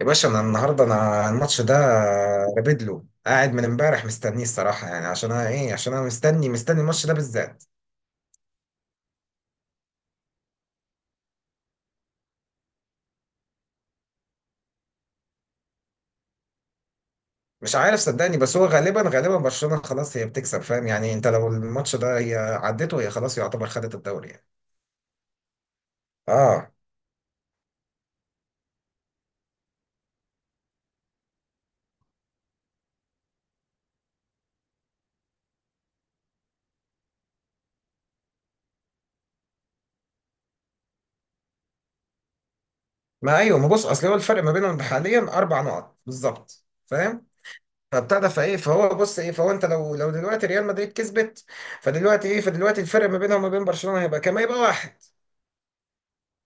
يا باشا انا النهارده انا الماتش ده رابد له قاعد من امبارح مستنيه الصراحه يعني عشان انا ايه عشان انا مستني الماتش ده بالذات. مش عارف صدقني، بس هو غالبا برشلونه خلاص هي بتكسب، فاهم يعني؟ انت لو الماتش ده هي عدته هي خلاص يعتبر خدت الدوري يعني. اه، ما ايوه، ما بص، اصل هو الفرق ما بينهم حاليا 4 نقط بالظبط، فاهم؟ فابتدى فايه فهو بص ايه فهو انت لو دلوقتي ريال مدريد كسبت، فدلوقتي ايه فدلوقتي الفرق ما بينها وما بين برشلونه هيبقى كام؟ هيبقى واحد.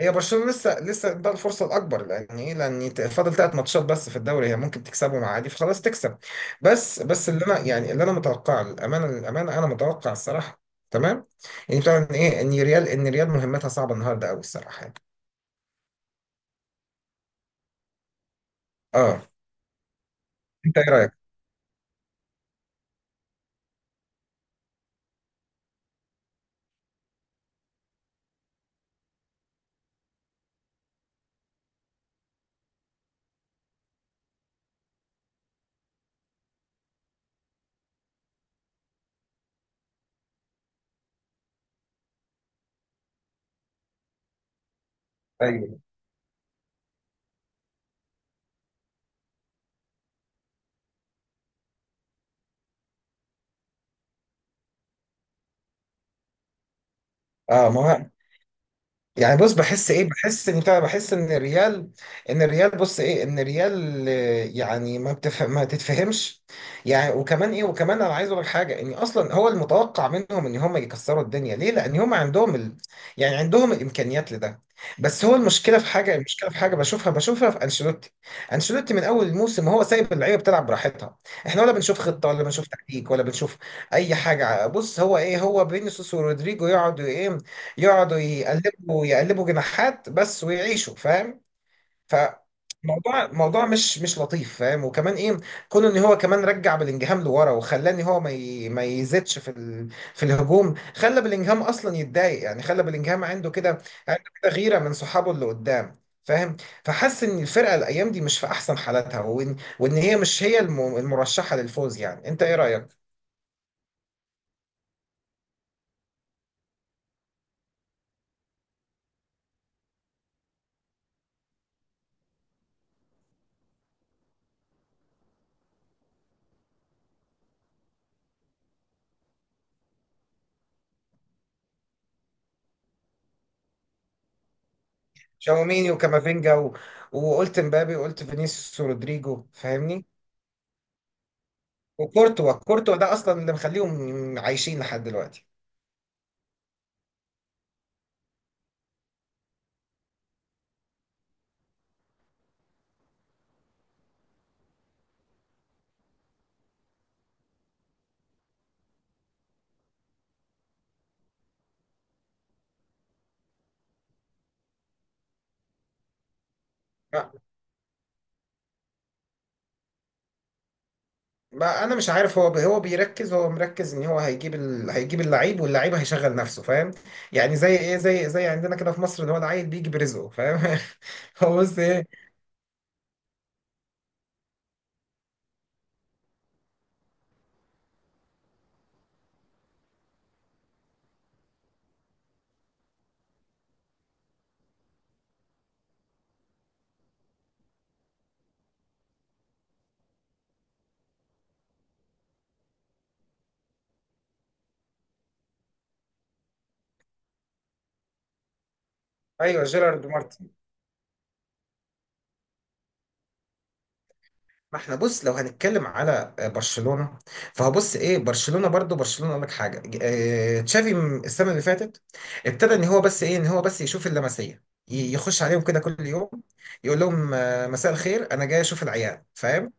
هي برشلونة لسه ده الفرصة الأكبر لأن إيه، لأن فاضل 3 ماتشات بس في الدوري، هي ممكن تكسبهم عادي فخلاص تكسب. بس اللي أنا يعني اللي أنا متوقعه الأمانة، الأمانة أنا متوقع الصراحة تمام. يعني طبعا إيه إن ريال مهمتها صعبة النهاردة أوي الصراحة يعني. أه. أنت إيه رأيك؟ ايوه. اه ما هو. يعني بص بحس ايه، بحس ان بحس ان الريال، ان الريال بص ايه ان الريال آه، يعني ما تتفهمش. يعني وكمان ايه، وكمان انا عايز اقول لك حاجه، ان اصلا هو المتوقع منهم ان هم يكسروا الدنيا، ليه؟ لان هم عندهم ال... يعني عندهم الامكانيات لده. بس هو المشكله في حاجه، المشكله في حاجه بشوفها في انشيلوتي. انشيلوتي من اول الموسم هو سايب اللعيبه بتلعب براحتها، احنا ولا بنشوف خطه ولا بنشوف تكتيك ولا بنشوف اي حاجه. بص هو ايه، هو فينيسيوس ورودريجو يقعدوا ايه، يقعدوا يقلبوا جناحات بس ويعيشوا، فاهم؟ فموضوع موضوع مش لطيف فاهم. وكمان ايه، كون ان هو كمان رجع بلينجهام لورا وخلاني هو ما يزيدش في ال... في الهجوم، خلى بلينجهام اصلا يتضايق يعني، خلى بلينجهام عنده كده، عنده كده غيره من صحابه اللي قدام، فاهم؟ فحس ان الفرقه الايام دي مش في احسن حالاتها، وان هي مش هي المرشحه للفوز يعني. انت ايه رايك؟ شاوميني وكامافينجا و... وقلت مبابي وقلت فينيسيوس ورودريجو، فاهمني؟ وكورتوا، ده اصلا اللي مخليهم عايشين لحد دلوقتي. ما ما انا مش عارف، هو بيركز، هو مركز ان هو هيجيب ال... هيجيب اللعيب واللعيب هيشغل نفسه، فاهم؟ يعني زي ايه، زي عندنا كده في مصر اللي هو العيل بيجي برزقه، فاهم؟ هو بص ايه. ايوه، جيرارد مارتن. ما احنا بص لو هنتكلم على برشلونة، فهبص ايه برشلونة برضو، برشلونة اقول لك حاجة تشافي السنة اللي فاتت ابتدى ان هو بس ايه، ان هو بس يشوف اللمسية، يخش عليهم كده كل يوم يقول لهم مساء الخير انا جاي اشوف العيال، فاهم؟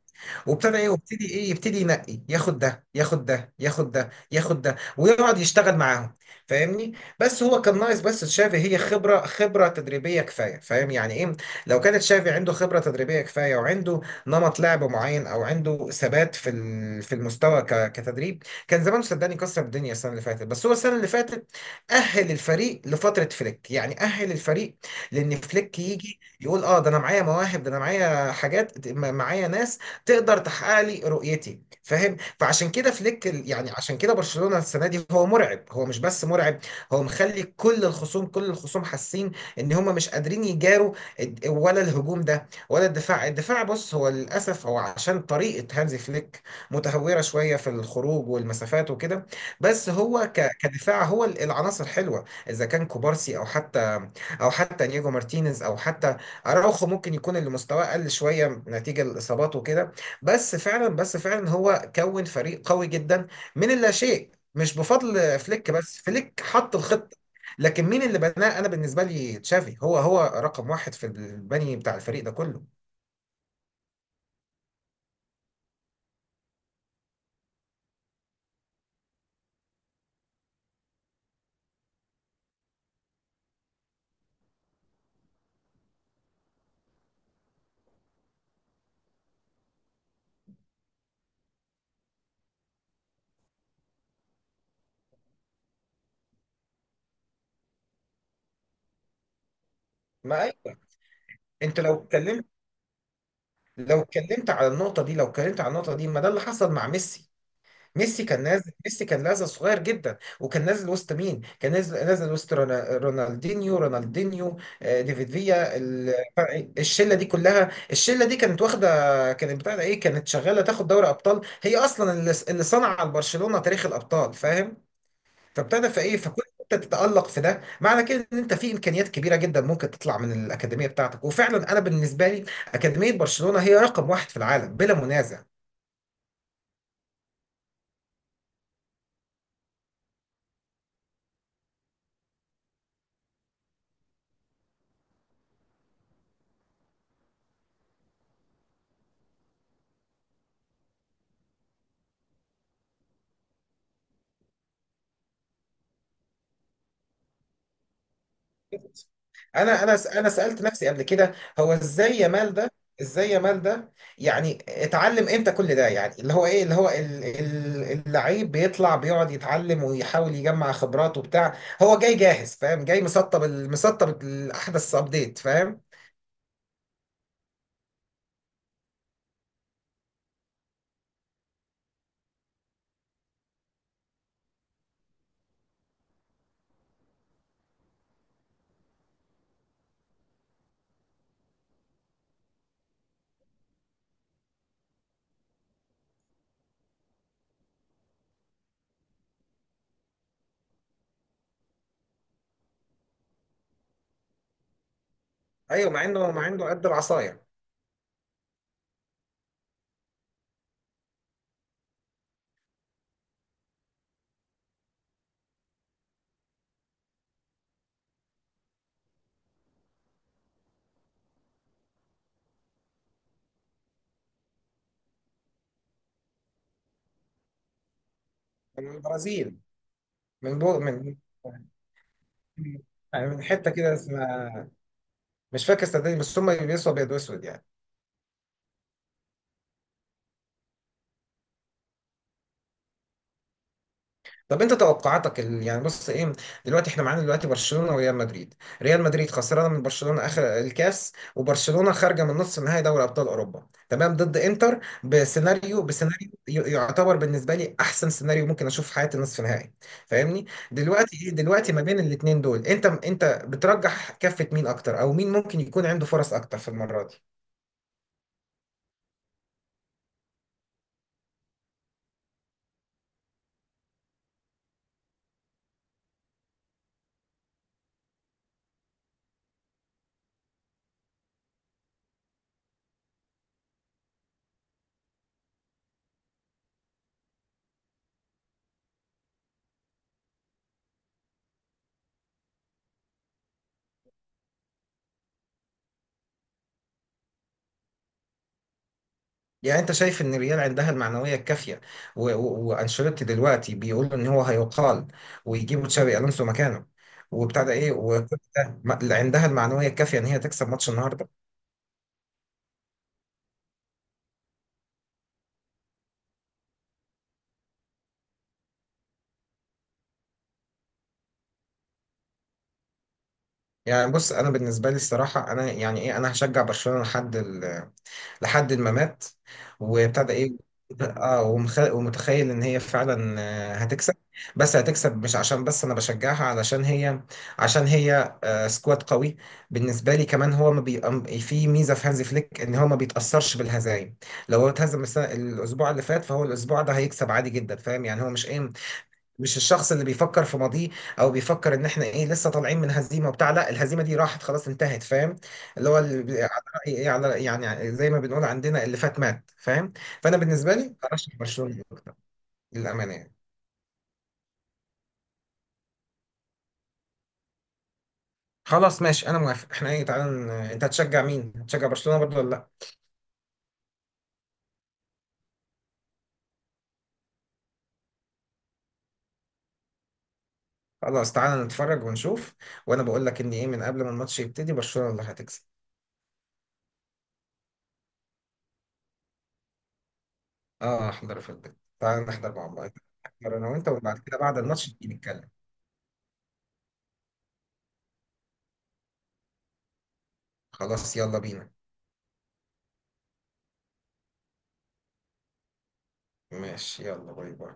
وابتدى ايه وابتدي ايه يبتدي ينقي، ياخد ده ياخد ده ياخد ده ياخد ده ويقعد يشتغل معاهم، فاهمني؟ بس هو كان ناقص، بس تشافي هي خبره، تدريبيه كفايه، فاهم يعني ايه؟ لو كانت تشافي عنده خبره تدريبيه كفايه وعنده نمط لعب معين او عنده ثبات في في المستوى كتدريب كان زمانه صدقني كسر الدنيا السنه اللي فاتت. بس هو السنه اللي فاتت اهل الفريق لفتره فليك يعني، اهل الفريق، لان فليك يجي يقول اه، ده انا معايا مواهب، ده انا معايا حاجات، معايا ناس تقدر تحقق لي رؤيتي، فاهم؟ فعشان كده فليك يعني عشان كده برشلونة السنة دي هو مرعب، هو مش بس مرعب، هو مخلي كل الخصوم، كل الخصوم حاسين ان هم مش قادرين يجاروا ولا الهجوم ده ولا الدفاع بص هو للاسف هو عشان طريقة هانزي فليك متهورة شوية في الخروج والمسافات وكده، بس هو كدفاع هو العناصر حلوة، اذا كان كوبارسي او حتى نيجو مارتينيز او حتى اراوخو، ممكن يكون اللي مستواه قل شوية نتيجة الاصابات وكده. بس فعلا، هو كون فريق قوي جدا من اللا شيء، مش بفضل فليك، بس فليك حط الخطة. لكن مين اللي بناه؟ انا بالنسبة لي تشافي هو رقم واحد في البني بتاع الفريق ده كله. ما ايوه. انت لو اتكلمت، لو اتكلمت على النقطة دي، ما ده اللي حصل مع ميسي. ميسي كان نازل، ميسي كان لازل صغير جدا وكان نازل وسط مين؟ كان نازل، وسط رونالدينيو، آه، ديفيد فيا، الشله دي كلها، الشله دي كانت واخده، كانت بتاع ده ايه، كانت شغاله تاخد دوري ابطال، هي اصلا اللي صنع على برشلونه تاريخ الابطال، فاهم؟ فابتدى فايه فكنت انت تتالق في ده، معنى كده ان انت في امكانيات كبيره جدا ممكن تطلع من الاكاديميه بتاعتك، وفعلا انا بالنسبه لي اكاديميه برشلونه هي رقم واحد في العالم بلا منازع. انا سالت نفسي قبل كده، هو ازاي يا مال ده؟ ازاي يا مال ده؟ يعني اتعلم امتى كل ده؟ يعني اللي هو ايه، اللي هو اللعيب بيطلع بيقعد يتعلم ويحاول يجمع خبرات وبتاع، هو جاي جاهز، فاهم؟ جاي مسطب مسطب الاحدث ابديت، فاهم؟ ايوه مع انه، قد العصايه. من البرازيل. من من، من حته كده اسمها، مش فاكر صدقني، بس هم بيلبسوا ابيض واسود يعني. طب انت توقعاتك يعني بص ايه، دلوقتي احنا معانا دلوقتي برشلونة وريال مدريد. ريال مدريد خسرانة من برشلونة اخر الكاس، وبرشلونة خارجة من نص نهائي دوري ابطال اوروبا تمام ضد انتر بسيناريو، يعتبر بالنسبة لي احسن سيناريو ممكن اشوف في حياتي نصف نهائي، فاهمني؟ دلوقتي ايه، دلوقتي ما بين الاتنين دول انت، بترجح كفة مين اكتر، او مين ممكن يكون عنده فرص اكتر في المرة دي؟ يعني انت شايف ان الريال عندها المعنويه الكافيه، وانشيلوتي دلوقتي بيقول ان هو هيقال ويجيبوا تشابي الونسو مكانه، وبتاع ده ايه، وكوتا عندها المعنويه الكافيه ان هي تكسب ماتش النهارده؟ يعني بص انا بالنسبه لي الصراحه انا يعني ايه، انا هشجع برشلونه لحد، لحد ما مات. وابتدى ايه، اه، ومتخيل ان هي فعلا هتكسب، بس هتكسب مش عشان بس انا بشجعها، علشان هي، عشان هي سكواد قوي بالنسبه لي. كمان هو ما بي... أم- في ميزه في هانزي فليك ان هو ما بيتاثرش بالهزايم. لو هو اتهزم الاسبوع اللي فات، فهو الاسبوع ده هيكسب عادي جدا، فاهم يعني؟ هو مش ايه، مش الشخص اللي بيفكر في ماضيه او بيفكر ان احنا ايه لسه طالعين من هزيمه وبتاع، لا الهزيمه دي راحت خلاص انتهت، فاهم؟ اللي هو اللي بي- على رأي ايه على يعني زي ما بنقول عندنا، اللي فات مات، فاهم؟ فانا بالنسبه لي ارشح برشلونه اكتر، للامانه يعني. خلاص ماشي انا موافق، احنا ايه، تعالى انت هتشجع مين، برشلونه برضه ولا لا؟ خلاص تعالى نتفرج ونشوف. وانا بقول لك ان ايه، من قبل ما الماتش يبتدي، برشلونه اللي هتكسب. اه احضر في البيت، تعالى نحضر مع بعض، نحضر انا وانت وبعد كده بعد الماتش نيجي نتكلم. خلاص يلا بينا. ماشي، يلا باي باي.